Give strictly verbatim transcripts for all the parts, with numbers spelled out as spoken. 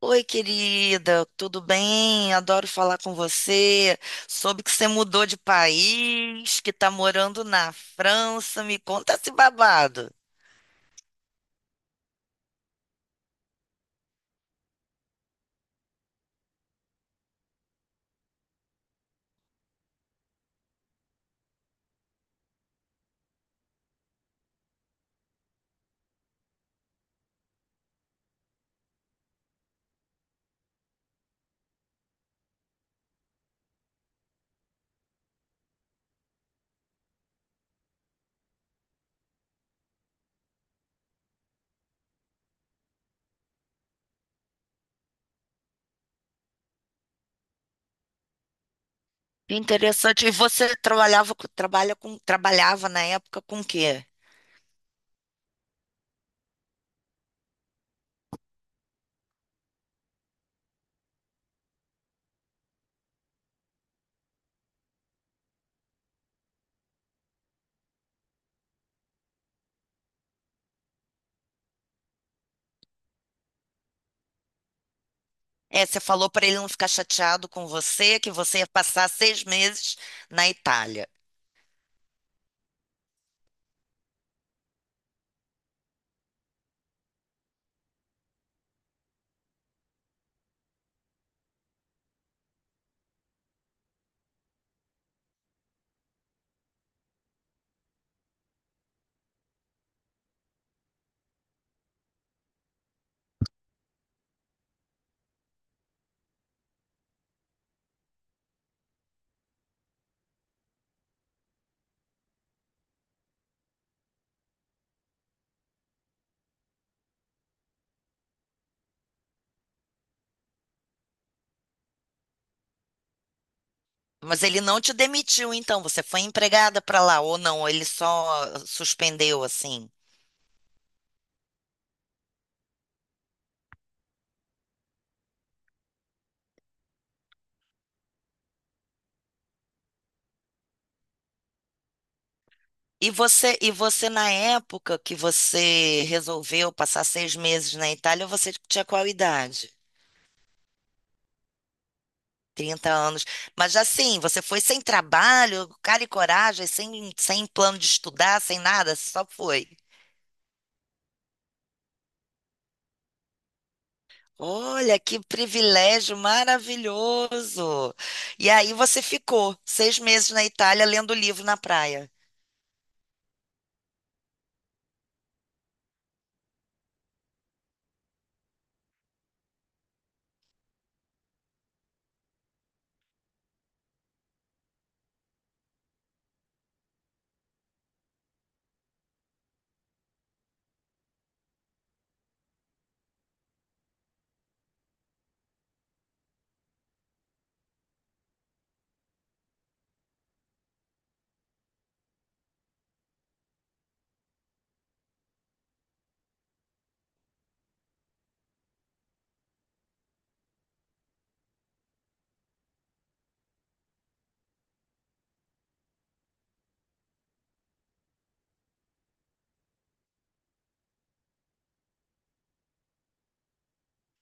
Oi, querida, tudo bem? Adoro falar com você. Soube que você mudou de país, que está morando na França. Me conta esse babado. Que interessante. E você trabalhava, com- trabalha com, trabalhava na época com o quê? É, você falou para ele não ficar chateado com você, que você ia passar seis meses na Itália. Mas ele não te demitiu, então. Você foi empregada para lá ou não? Ele só suspendeu assim. E você, e você, na época que você resolveu passar seis meses na Itália, você tinha qual idade? Trinta anos. Mas assim, você foi sem trabalho, cara e coragem, sem, sem plano de estudar, sem nada, só foi. Olha, que privilégio maravilhoso! E aí você ficou seis meses na Itália lendo livro na praia.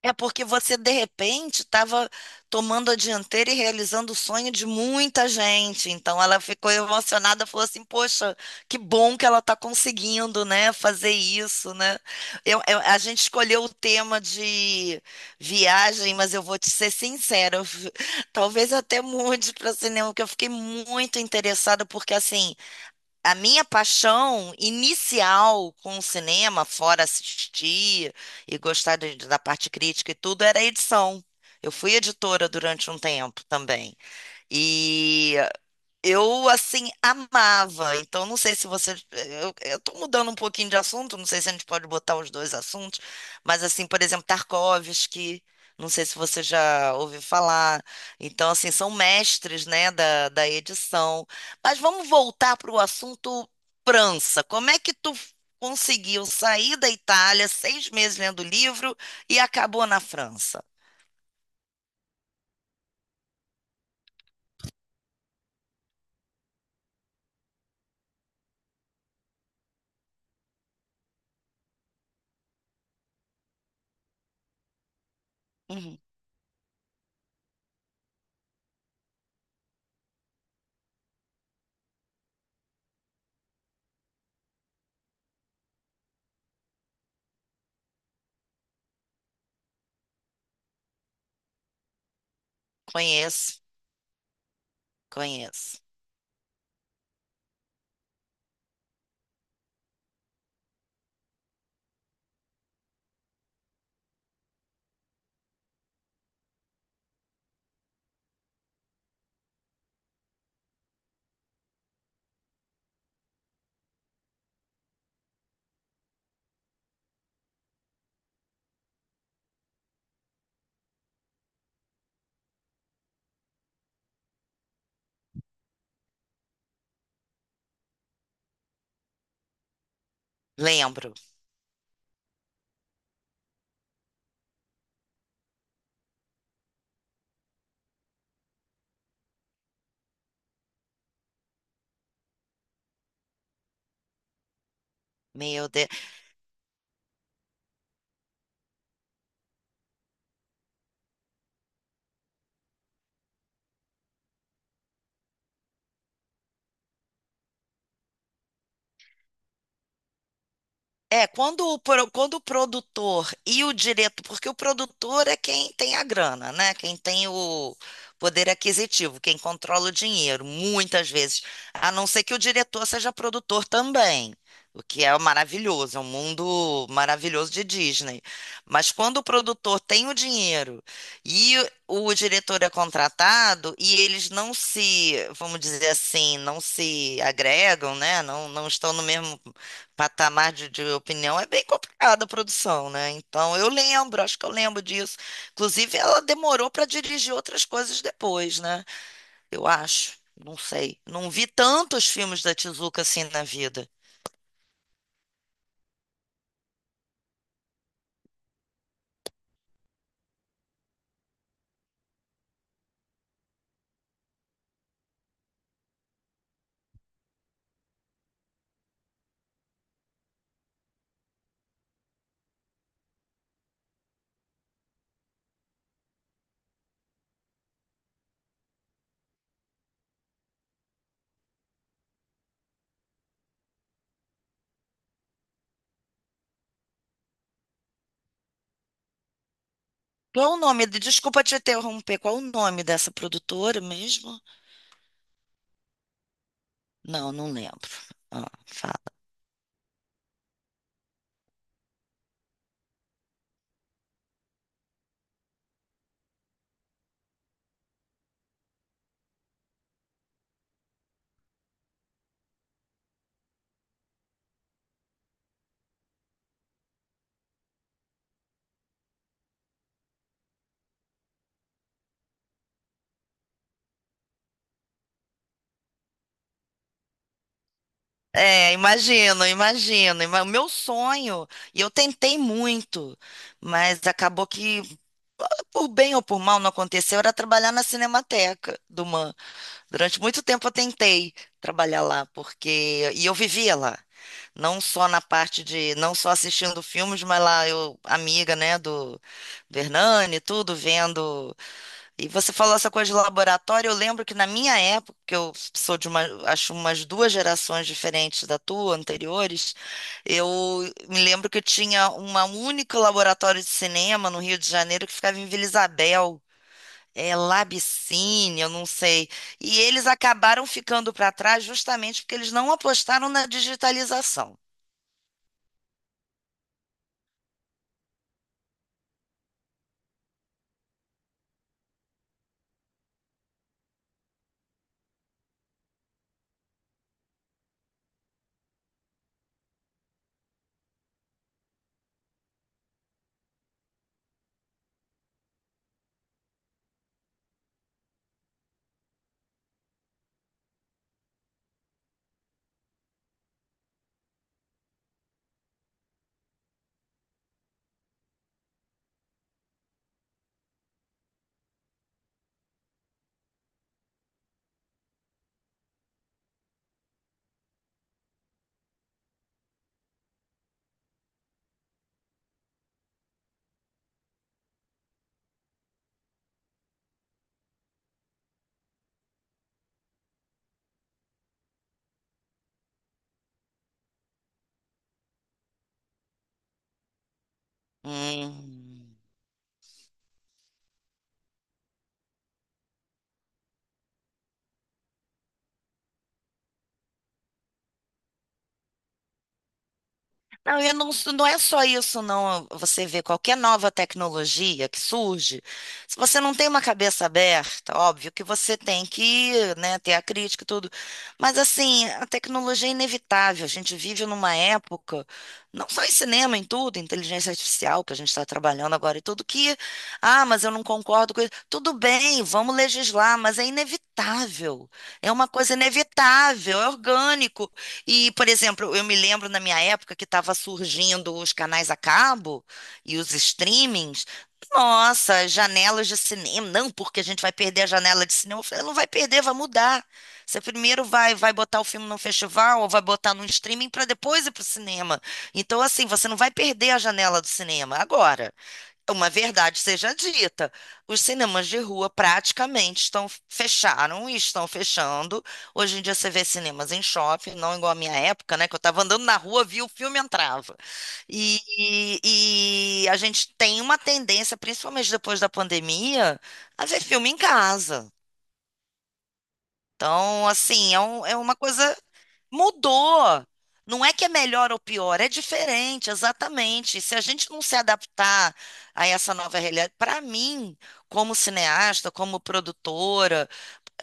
É porque você, de repente, estava tomando a dianteira e realizando o sonho de muita gente. Então, ela ficou emocionada, falou assim: poxa, que bom que ela está conseguindo, né, fazer isso, né? Eu, eu- a gente escolheu o tema de viagem, mas eu vou te ser sincera, eu fi- talvez até mude para cinema, porque eu fiquei muito interessada, porque assim. A minha paixão inicial com o cinema, fora assistir e gostar de- da parte crítica e tudo, era a edição. Eu fui editora durante um tempo também. E eu, assim, amava. Então, não sei se você. Eu, eu tô mudando um pouquinho de assunto, não sei se a gente pode botar os dois assuntos, mas, assim, por exemplo, Tarkovsky, não sei se você já ouviu falar. Então, assim, são mestres, né, da, da edição. Mas vamos voltar para o assunto França. Como é que tu conseguiu sair da Itália seis meses lendo livro e acabou na França? Uhum. Conheço, conheço. Lembro. Meu Deus. É, quando o, pro- quando o produtor e o diretor, porque o produtor é quem tem a grana, né? Quem tem o poder aquisitivo, quem controla o dinheiro, muitas vezes. A não ser que o diretor seja produtor também, o que é maravilhoso, é um mundo maravilhoso de Disney. Mas quando o produtor tem o dinheiro e o o diretor é contratado e eles não se, vamos dizer assim, não se agregam, né? Não, não estão no mesmo patamar de, de opinião, é bem complicado a produção, né? Então eu lembro, acho que eu lembro disso. Inclusive, ela demorou para dirigir outras coisas depois, né? Eu acho, não sei. Não vi tantos filmes da Tezuka assim na vida. Qual é o nome? Desculpa te interromper. Qual é o nome dessa produtora mesmo? Não, não lembro. Ah, fala. É, imagino, imagino. Ima- O meu sonho, e eu tentei muito, mas acabou que por bem ou por mal não aconteceu, era trabalhar na Cinemateca do Man. Durante muito tempo eu tentei trabalhar lá, porque. E eu vivia lá. Não só na parte de. Não só assistindo filmes, mas lá eu, amiga, né, do, do Hernani, tudo, vendo. E você falou essa coisa de laboratório, eu lembro que na minha época, que eu sou de uma, acho umas duas gerações diferentes da tua, anteriores, eu me lembro que tinha uma única laboratório de cinema no Rio de Janeiro que ficava em Vila Isabel, é Labicine, eu não sei. E eles acabaram ficando para trás justamente porque eles não apostaram na digitalização. Hum. Não, eu não, não é só isso, não. Você vê qualquer nova tecnologia que surge, se você não tem uma cabeça aberta, óbvio que você tem que, né, ter a crítica e tudo. Mas, assim, a tecnologia é inevitável. A gente vive numa época, não só em cinema, em tudo, inteligência artificial, que a gente está trabalhando agora e tudo, que, ah, mas eu não concordo com isso. Tudo bem, vamos legislar, mas é inevitável. É uma coisa inevitável, é orgânico. E, por exemplo, eu me lembro na minha época que estava surgindo os canais a cabo e os streamings. Nossa, janelas de cinema. Não, porque a gente vai perder a janela de cinema. Eu falei, não vai perder, vai mudar. Você primeiro vai, vai botar o filme num festival ou vai botar num streaming para depois ir para o cinema. Então, assim, você não vai perder a janela do cinema agora. Uma verdade seja dita, os cinemas de rua praticamente estão fecharam e estão fechando. Hoje em dia você vê cinemas em shopping, não igual a minha época, né? Que eu estava andando na rua, via o filme, entrava. E, e- e a gente tem uma tendência, principalmente depois da pandemia, a ver filme em casa. Então, assim, é, um- é uma coisa. Mudou. Não é que é melhor ou pior, é diferente, exatamente. Se a gente não se adaptar a essa nova realidade, para mim, como cineasta, como produtora,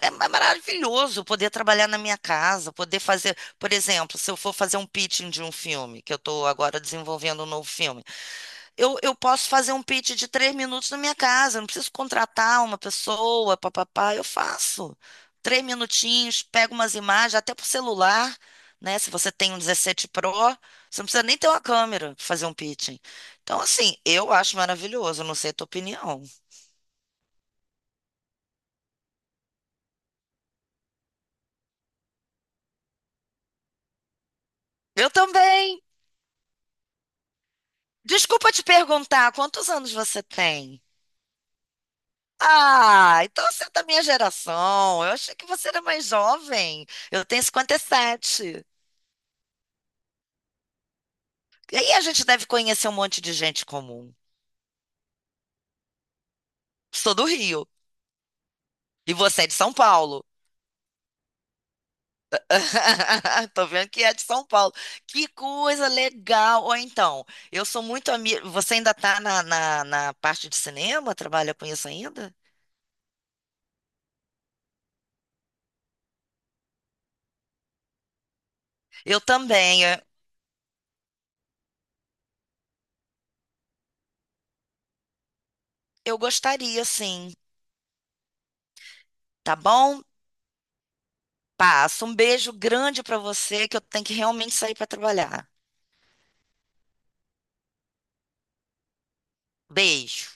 é ma- maravilhoso poder trabalhar na minha casa, poder fazer, por exemplo, se eu for fazer um pitching de um filme, que eu estou agora desenvolvendo um novo filme, eu, eu posso fazer um pitch de três minutos na minha casa, não preciso contratar uma pessoa, papapá, eu faço. Três minutinhos, pego umas imagens, até pro celular, né? Se você tem um dezessete Pro, você não precisa nem ter uma câmera para fazer um pitching. Então, assim, eu acho maravilhoso, não sei a tua opinião. Eu também. Desculpa te perguntar, quantos anos você tem? Ah, então você é da minha geração. Eu achei que você era mais jovem. Eu tenho cinquenta e sete. E aí a gente deve conhecer um monte de gente comum. Sou do Rio. E você é de São Paulo. Tô vendo que é de São Paulo. Que coisa legal. Ou então, eu sou muito amiga. Você ainda tá na, na, na parte de cinema? Trabalha com isso ainda? Eu também. É. Eu gostaria, sim. Tá bom? Passa. Um beijo grande pra você, que eu tenho que realmente sair pra trabalhar. Beijo.